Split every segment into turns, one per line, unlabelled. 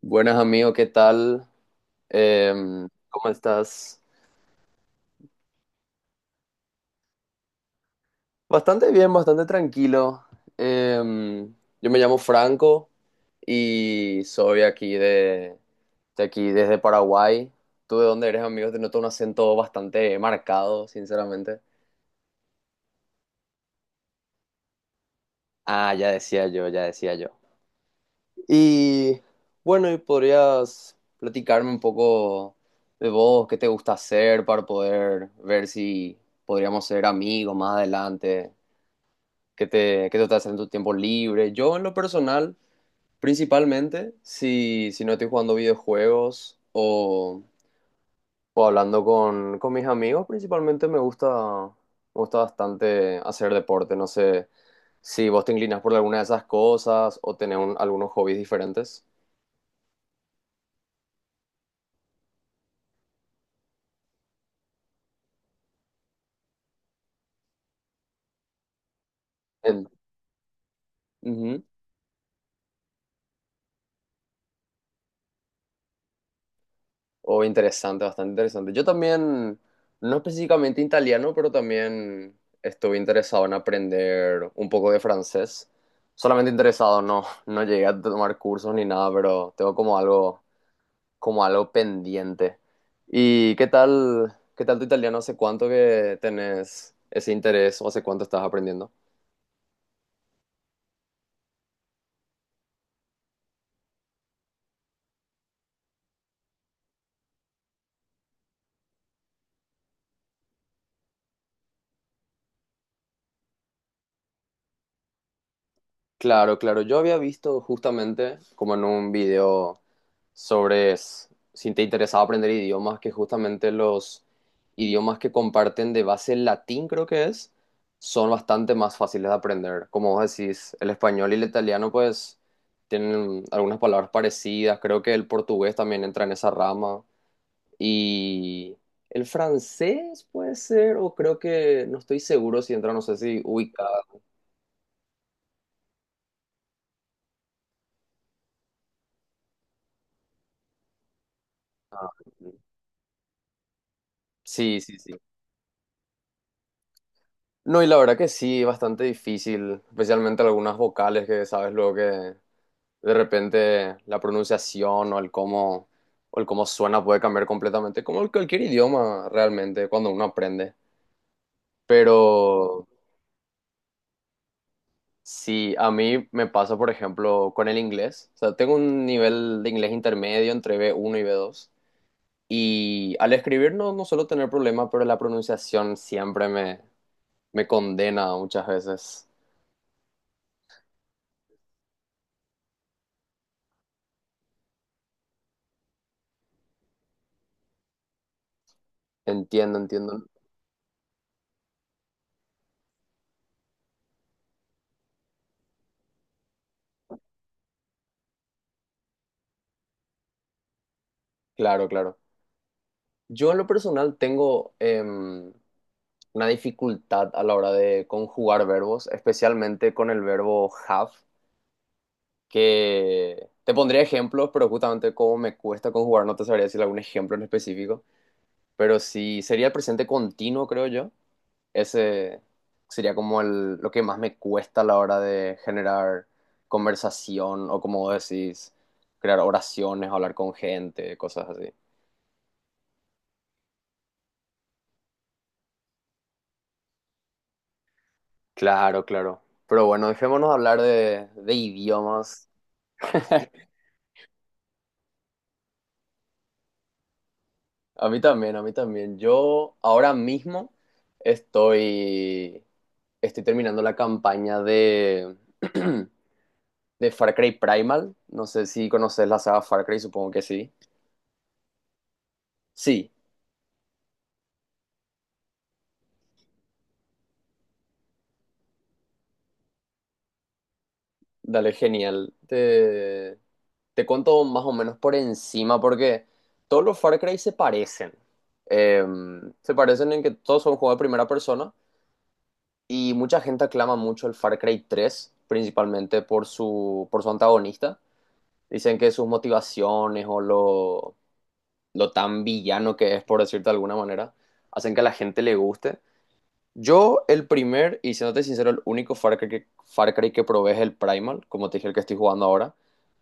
Buenas amigo, ¿qué tal? ¿Cómo estás? Bastante bien, bastante tranquilo. Em, yo me llamo Franco y soy aquí de aquí desde Paraguay. ¿Tú de dónde eres, amigo? Te noto un acento bastante marcado, sinceramente. Ah, ya decía yo, ya decía yo. Y bueno, ¿y podrías platicarme un poco de vos, qué te gusta hacer para poder ver si podríamos ser amigos más adelante? ¿Qué te estás haciendo en tu tiempo libre? Yo, en lo personal, principalmente, si no estoy jugando videojuegos o hablando con mis amigos, principalmente me gusta bastante hacer deporte. No sé si vos te inclinas por alguna de esas cosas o algunos hobbies diferentes. En- Ujú. Oh, interesante, bastante interesante. Yo también, no específicamente italiano, pero también estuve interesado en aprender un poco de francés. Solamente interesado, no, no llegué a tomar cursos ni nada, pero tengo como algo pendiente. ¿Y qué tal tu italiano? ¿Hace cuánto que tenés ese interés o hace cuánto estás aprendiendo? Claro, claro. Yo había visto justamente como en un video sobre s- si te interesaba aprender idiomas, que justamente los idiomas que comparten de base latín, creo que es, son bastante más fáciles de aprender. Como vos decís, el español y el italiano pues tienen algunas palabras parecidas. Creo que el portugués también entra en esa rama. Y el francés puede ser, o creo que, no estoy seguro si entra, no sé si ubica. ah, Sí, sí, sí. No, y la verdad que sí, bastante difícil, especialmente algunas vocales que sabes luego que de repente la pronunciación o el cómo suena puede cambiar completamente, como en cualquier idioma realmente cuando uno aprende. Pero sí, a mí me pasa, por ejemplo, con el inglés. O sea, tengo un nivel de inglés intermedio entre B1 y B2. Y al escribir no, no suelo tener problemas, pero la pronunciación siempre me, me condena muchas veces. Entiendo, entiendo. Claro, claro. Yo en lo personal tengo una dificultad a la hora de conjugar verbos, especialmente con el verbo have, que te pondría ejemplos, pero justamente como me cuesta conjugar, no te sabría decir algún ejemplo en específico, pero sí sería el presente continuo, creo yo. Ese sería como el, lo que más me cuesta a la hora de generar conversación o como decís, crear oraciones, hablar con gente, cosas así. Claro, claro. Pero bueno, dejémonos hablar de idiomas. A mí también, a mí también. Yo ahora mismo estoy, estoy terminando la campaña de, de Far Cry Primal. No sé si conoces la saga Far Cry, supongo que sí. Sí, dale, genial. Te cuento más o menos por encima porque todos los Far Cry se parecen. Se parecen en que todos son juegos de primera persona. Y mucha gente aclama mucho el Far Cry 3 principalmente por su antagonista. Dicen que sus motivaciones o lo tan villano que es, por decirte de alguna manera, hacen que a la gente le guste. Yo, el primer, y siéndote sincero, el único Far Cry que probé es el Primal, como te dije, el que estoy jugando ahora.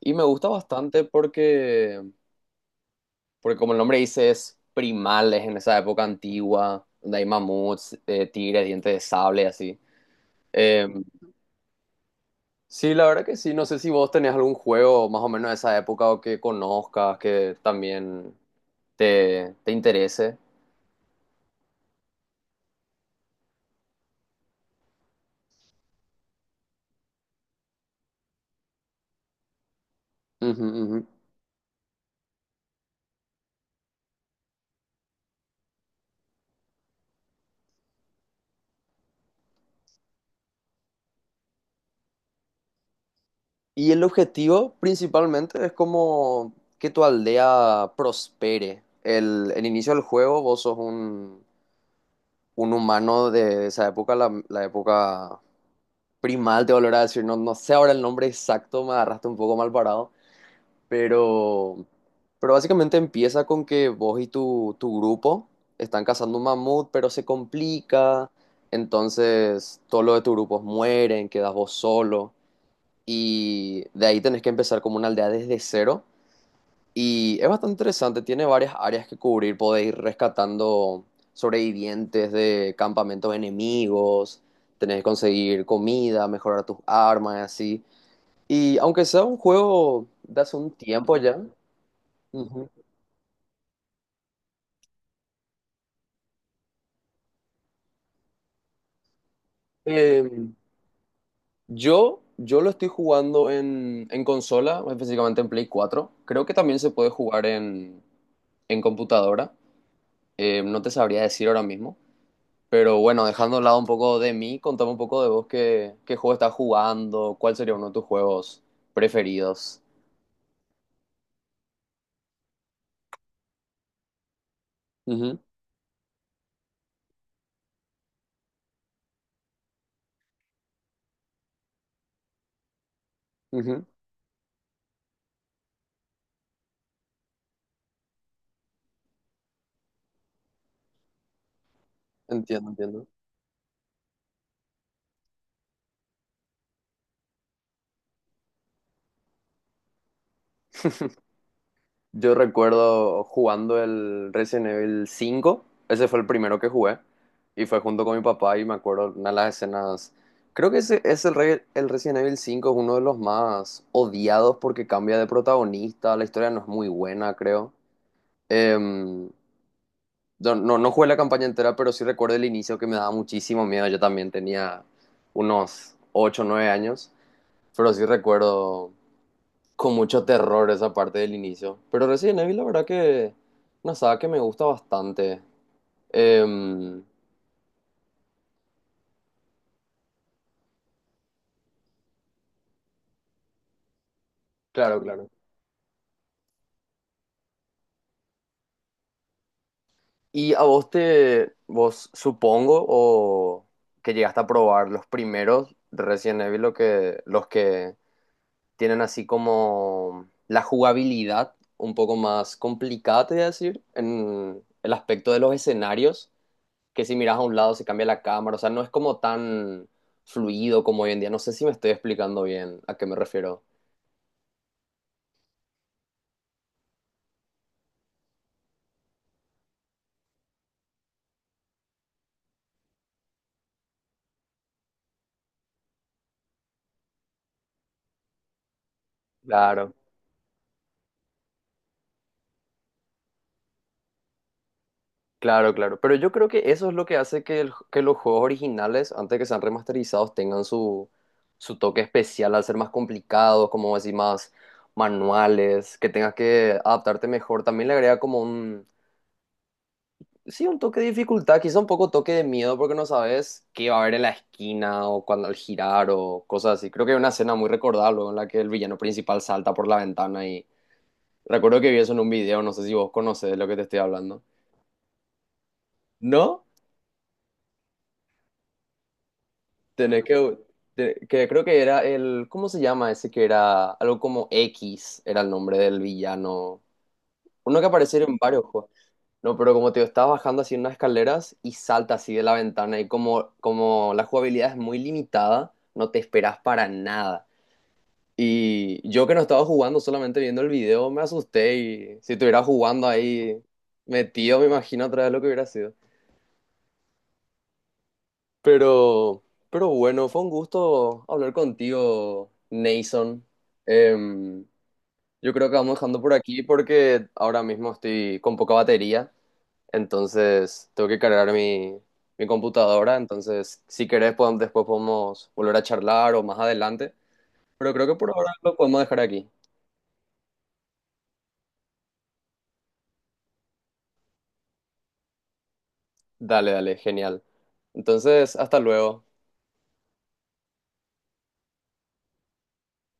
Y me gusta bastante porque, porque como el nombre dice, es primales en esa época antigua, donde hay mamuts, tigres, dientes de sable, así. Eh, Sí, la verdad que sí. No sé si vos tenés algún juego más o menos de esa época o que conozcas, que también te interese. Ujú, ujú. Y el objetivo principalmente es como que tu aldea prospere. El inicio del juego, vos sos un humano de esa época, la época primal, te volverá a decir. No, no sé ahora el nombre exacto, me agarraste un poco mal parado. Pero, pero básicamente empieza con que vos y tu grupo están cazando un mamut, pero se complica. Entonces, todos los de tu grupo mueren, quedas vos solo. Y de ahí tenés que empezar como una aldea desde cero. Y es bastante interesante, tiene varias áreas que cubrir. Podés ir rescatando sobrevivientes de campamentos enemigos, tenés que conseguir comida, mejorar tus armas y así. Y aunque sea un juego de hace un tiempo ya, ujú, Eh, yo lo estoy jugando en consola, específicamente en Play cuatro. Creo que también se puede jugar en computadora. No te sabría decir ahora mismo. Pero bueno, dejando a un lado un poco de mí, contame un poco de vos qué juego estás jugando, cuál sería uno de tus juegos preferidos. Ujú, ujú. Entiendo, entiendo. Yo recuerdo jugando el Resident Evil 5, ese fue el primero que jugué, y fue junto con mi papá y me acuerdo una de las escenas, creo que ese es el Resident Evil 5, es uno de los más odiados porque cambia de protagonista, la historia no es muy buena, creo. Em, yo no, no jugué la campaña entera, pero sí recuerdo el inicio que me daba muchísimo miedo, yo también tenía unos 8 o 9 años, pero sí recuerdo con mucho terror esa parte del inicio. Pero Resident Evil, la verdad que una saga que me gusta bastante. Em, Claro, claro. Y a vos supongo o que llegaste a probar los primeros Resident Evil, los que tienen así como la jugabilidad un poco más complicada, te voy a decir, en el aspecto de los escenarios. Que si miras a un lado se cambia la cámara, o sea, no es como tan fluido como hoy en día. No sé si me estoy explicando bien a qué me refiero. Claro, claro, claro. Pero yo creo que eso es lo que hace que los juegos originales, antes de que sean remasterizados, tengan su, su toque especial al ser más complicados, como decir, más manuales, que tengas que adaptarte mejor. También le agrega como sí, un toque de dificultad, quizá un poco toque de miedo porque no sabes qué va a haber en la esquina o cuando al girar o cosas así. Creo que hay una escena muy recordable en la que el villano principal salta por la ventana y recuerdo que vi eso en un video, no sé si vos conocés de lo que te estoy hablando. ¿No? Tenés que... que creo que era el... ¿Cómo se llama ese que era? Algo como X era el nombre del villano. Uno que apareció en varios juegos. No, pero como te digo, estaba bajando así unas escaleras y salta así de la ventana y como, como la jugabilidad es muy limitada, no te esperas para nada. Y yo que no estaba jugando, solamente viendo el video, me asusté y si estuviera jugando ahí metido, me imagino otra vez lo que hubiera sido. Pero, pero bueno, fue un gusto hablar contigo, Nason. Em, yo creo que vamos dejando por aquí porque ahora mismo estoy con poca batería. Entonces, tengo que cargar mi computadora. Entonces, si querés, después podemos volver a charlar o más adelante. Pero creo que por ahora lo podemos dejar aquí. Dale, dale, genial. Entonces, hasta luego.